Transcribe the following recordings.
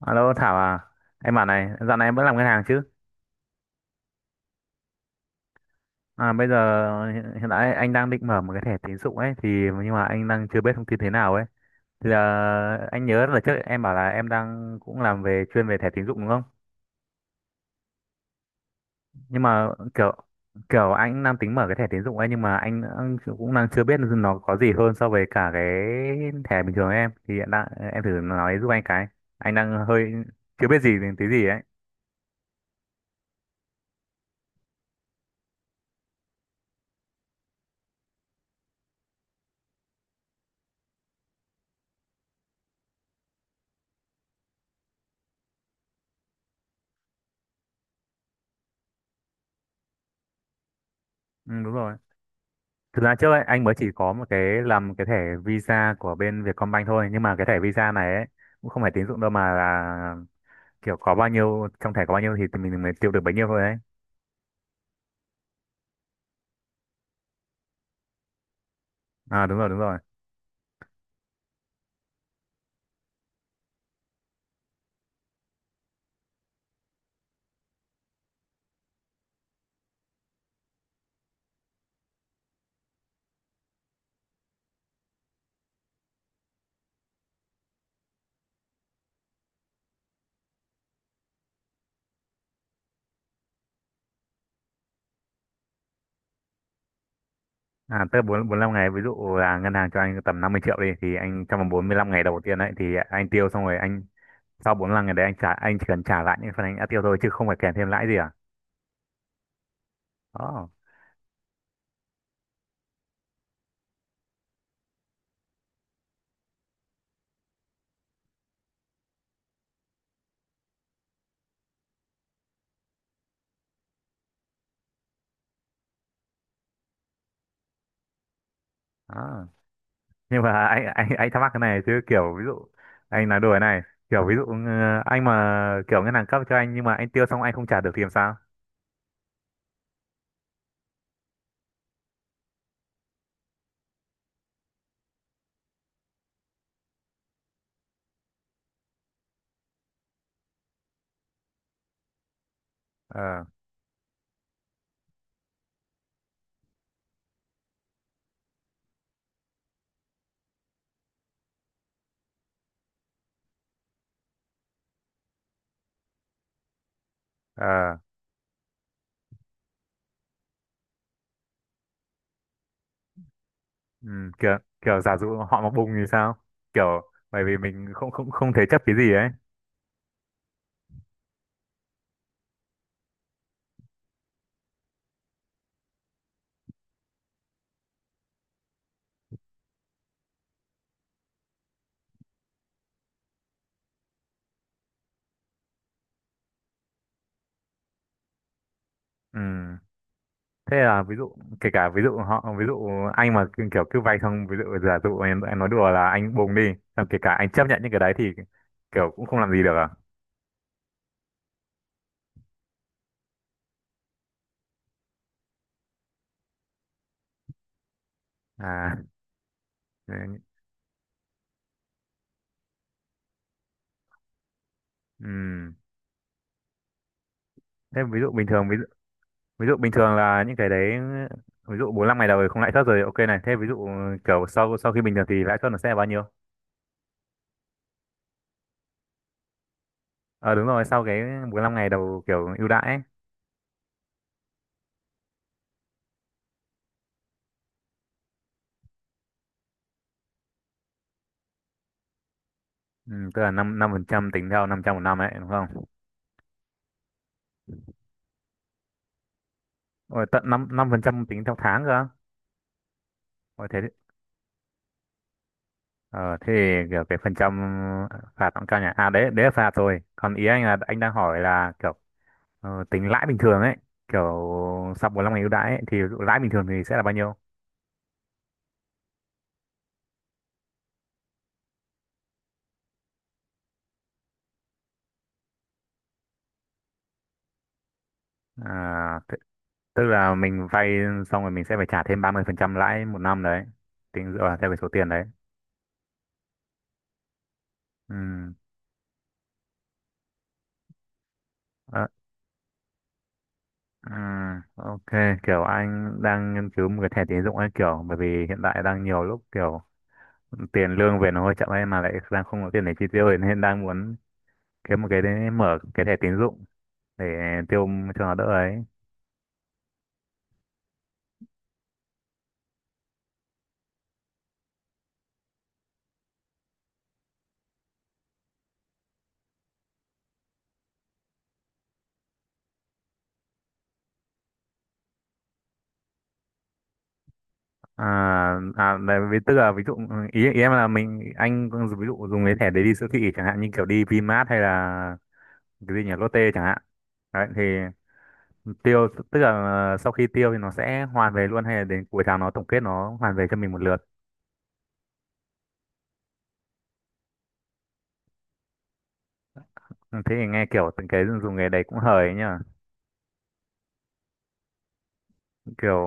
Alo Thảo à, em bảo này, dạo này em vẫn làm ngân hàng chứ? À, bây giờ hiện hiện tại anh đang định mở một cái thẻ tín dụng ấy, thì nhưng mà anh đang chưa biết thông tin thế nào ấy. Thì là anh nhớ là trước em bảo là em đang cũng làm về chuyên về thẻ tín dụng đúng không? Nhưng mà kiểu kiểu anh đang tính mở cái thẻ tín dụng ấy nhưng mà anh cũng đang chưa biết nó có gì hơn so với cả cái thẻ bình thường em. Thì hiện tại em thử nói giúp anh cái. Anh đang hơi chưa biết gì đến tí gì ấy. Ừ, đúng rồi. Thực ra trước ấy, anh mới chỉ có một cái làm cái thẻ visa của bên Vietcombank thôi, nhưng mà cái thẻ visa này ấy, cũng không phải tín dụng đâu mà là kiểu có bao nhiêu trong thẻ có bao nhiêu thì mình mới tiêu được bấy nhiêu thôi đấy. À đúng rồi. À tới bốn bốn năm ngày, ví dụ là ngân hàng cho anh tầm 50 triệu đi thì anh trong vòng 45 ngày đầu tiên đấy thì anh tiêu xong rồi anh, sau 45 ngày đấy anh trả, anh chỉ cần trả lại những phần anh đã tiêu thôi chứ không phải kèm thêm lãi gì à. Đó đó. Nhưng mà anh thắc mắc cái này chứ, kiểu ví dụ anh nói đùa này, kiểu ví dụ anh mà kiểu ngân hàng cấp cho anh nhưng mà anh tiêu xong anh không trả được thì làm sao. ờ ờ ừ, kiểu kiểu giả dụ họ mà bùng thì sao, kiểu bởi vì mình không không không thế chấp cái gì ấy. Ừ. Thế là ví dụ, kể cả ví dụ họ ví dụ anh mà cứ- kiểu cứ vay xong ví dụ giả dụ em nói đùa là anh bùng đi xong kể cả anh chấp nhận những cái đấy thì kiểu cũng không làm gì được à. À đấy. Ừ. Thế ví dụ bình thường, ví dụ bình thường là những cái đấy, ví dụ 45 ngày đầu thì không lãi suất rồi, ok này, thế ví dụ kiểu sau sau khi bình thường thì lãi suất nó sẽ là bao nhiêu. Ờ đúng rồi, sau cái 45 ngày đầu kiểu ưu đãi ấy. Ừ, tức là năm năm phần trăm tính theo 500 một năm ấy đúng không? Ôi, tận năm năm phần trăm tính theo tháng cơ. Ôi, thế ờ, thế thì kiểu cái phần trăm phạt nó cũng cao nhỉ. À đấy, đấy là phạt rồi, còn ý anh là anh đang hỏi là kiểu tính lãi bình thường ấy, kiểu sau 45 ngày ưu đãi ấy, thì ví dụ lãi bình thường thì sẽ là bao nhiêu. À, tức là mình vay xong rồi mình sẽ phải trả thêm 30% lãi một năm đấy, tính dựa vào theo cái số tiền đấy. Ừ. ờ, ừ. Ok. Kiểu anh đang nghiên cứu một cái thẻ tín dụng ấy, kiểu bởi vì hiện tại đang nhiều lúc kiểu tiền lương về nó hơi chậm ấy mà lại đang không có tiền để chi tiêu ấy, nên đang muốn kiếm một cái đấy, mở cái thẻ tín dụng để tiêu cho nó đỡ ấy. À, à đấy, ví- tức là ví dụ ý ý em là mình anh ví dụ dùng cái thẻ đấy đi siêu thị chẳng hạn như kiểu đi Vinmart hay là cái gì nhỉ, Lotte chẳng hạn đấy thì tiêu tức là sau khi tiêu thì nó sẽ hoàn về luôn hay là đến cuối tháng nó tổng kết nó hoàn về cho mình một lượt. Ừ, thế thì nghe kiểu từng cái dùng nghề đấy cũng hời ấy nhở. Kiểu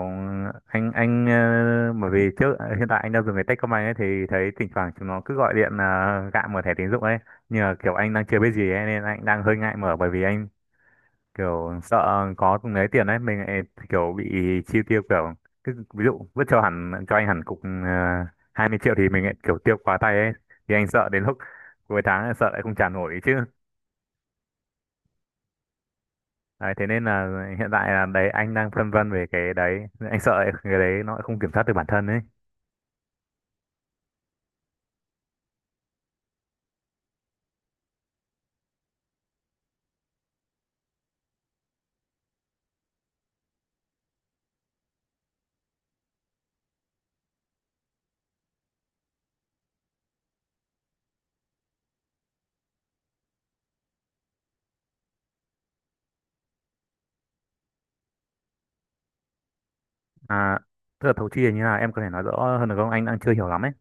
anh bởi vì trước hiện tại anh đang dùng cái Techcombank ấy thì thấy thỉnh thoảng chúng nó cứ gọi điện là gạ mở thẻ tín dụng ấy, nhưng mà kiểu anh đang chưa biết gì ấy, nên anh đang hơi ngại mở bởi vì anh kiểu sợ có lấy tiền ấy mình lại kiểu bị chi tiêu, kiểu cứ ví dụ vứt cho hẳn cho anh hẳn cục 20 triệu thì mình lại kiểu tiêu quá tay ấy, thì anh sợ đến lúc cuối tháng lại sợ lại không trả nổi chứ. Đấy, thế nên là hiện tại là đấy anh đang phân vân về cái đấy, anh sợ lại cái đấy nó lại không kiểm soát được bản thân ấy. À tức là thấu chi là như nào em có thể nói rõ hơn được không, anh đang chưa hiểu lắm ấy.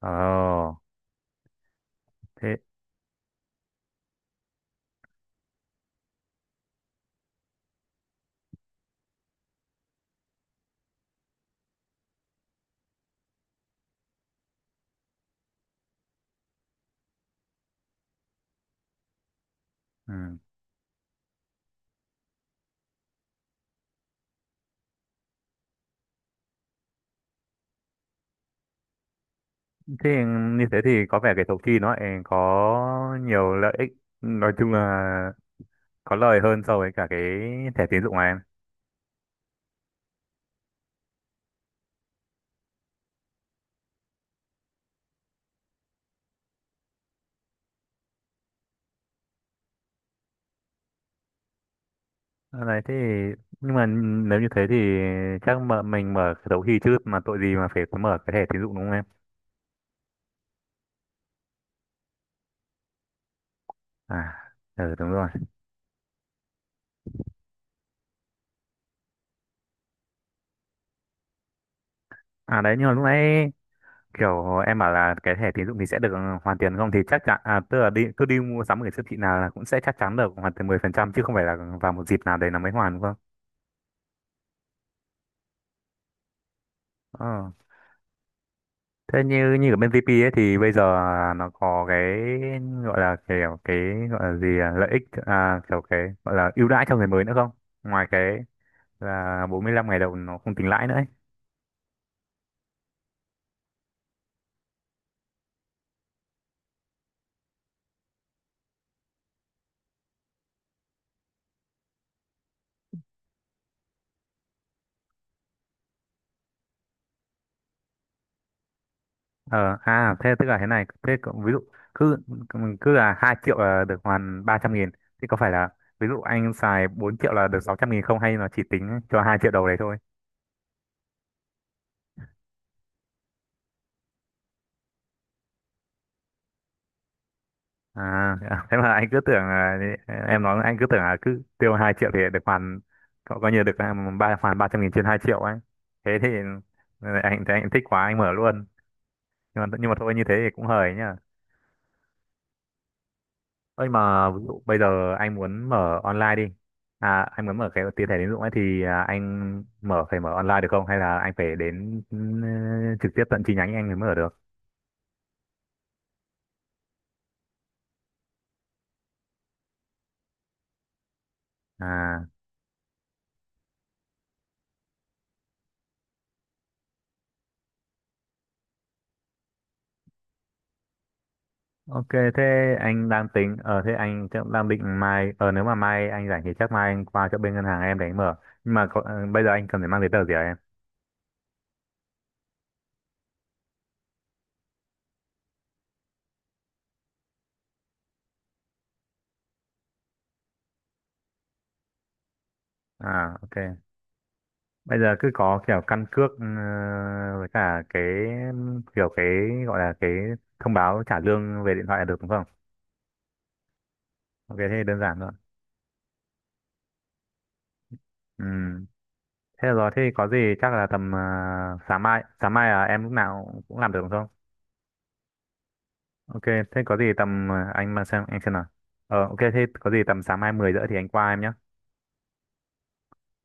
ờ thế. Ừ. Thế như thế thì có vẻ cái thấu chi nó lại có nhiều lợi ích, nói chung là có lời hơn so với cả cái thẻ tín dụng này em. Ờ, đấy thế thì- nhưng mà nếu như thế thì chắc mở mình mở cái đấu khi chứ mà tội gì mà phải mở cái thẻ tín dụng đúng không em. À. Ừ, đúng rồi. À đấy, nhưng mà lúc nãy kiểu em bảo là cái thẻ tín dụng thì sẽ được hoàn tiền không thì chắc chắn, à tức là đi cứ đi mua sắm ở siêu thị nào là cũng sẽ chắc chắn được hoàn tiền 10% chứ không phải là vào một dịp nào đấy là mới hoàn đúng không? Ờ. Thế như như ở bên VP ấy thì bây giờ nó có cái gọi là kiểu cái gọi là gì à, lợi ích à, kiểu cái gọi là ưu đãi cho người mới nữa không? Ngoài cái là 45 ngày đầu nó không tính lãi nữa ấy. Ờ à thế tức là thế này, thế cậu- ví dụ cứ cứ là 2 triệu là được hoàn 300 nghìn thì có phải là ví dụ anh xài 4 triệu là được 600 nghìn không hay nó chỉ tính cho 2 triệu đầu đấy thôi? À, à, thế mà anh cứ tưởng là- em nói anh cứ tưởng là cứ tiêu 2 triệu thì được hoàn. Cậu coi như được hoàn 300 nghìn trên 2 triệu ấy. Thế thì anh thấy anh thích quá anh mở luôn. Nhưng mà thôi như thế thì cũng hời nhá. Ơi mà ví dụ bây giờ anh muốn mở online đi. À anh muốn mở cái tiền thẻ tín dụng ấy thì anh mở phải mở online được không hay là anh phải đến trực tiếp tận chi nhánh anh mới mở được? À. Ok, thế anh đang tính, ở thế anh chắc đang định mai, nếu mà mai anh rảnh thì chắc mai anh qua chỗ bên ngân hàng em để anh mở. Nhưng mà có, bây giờ anh cần phải mang giấy tờ gì hả em? À, ok. Bây giờ cứ có kiểu căn cước với cả cái kiểu cái gọi là cái thông báo trả lương về điện thoại là được đúng không? Ok, thế thì đơn giản thôi. Ừ. Thế là rồi, thế thì có gì chắc là tầm sáng mai là em lúc nào cũng làm được đúng không? Ok, thế có gì tầm anh mà xem anh xem nào. Ờ ok thế có gì tầm sáng mai 10:30 thì anh qua em nhé.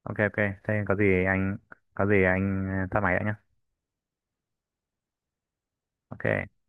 Ok ok. Thế có gì anh tắt máy đã nhá. Ok.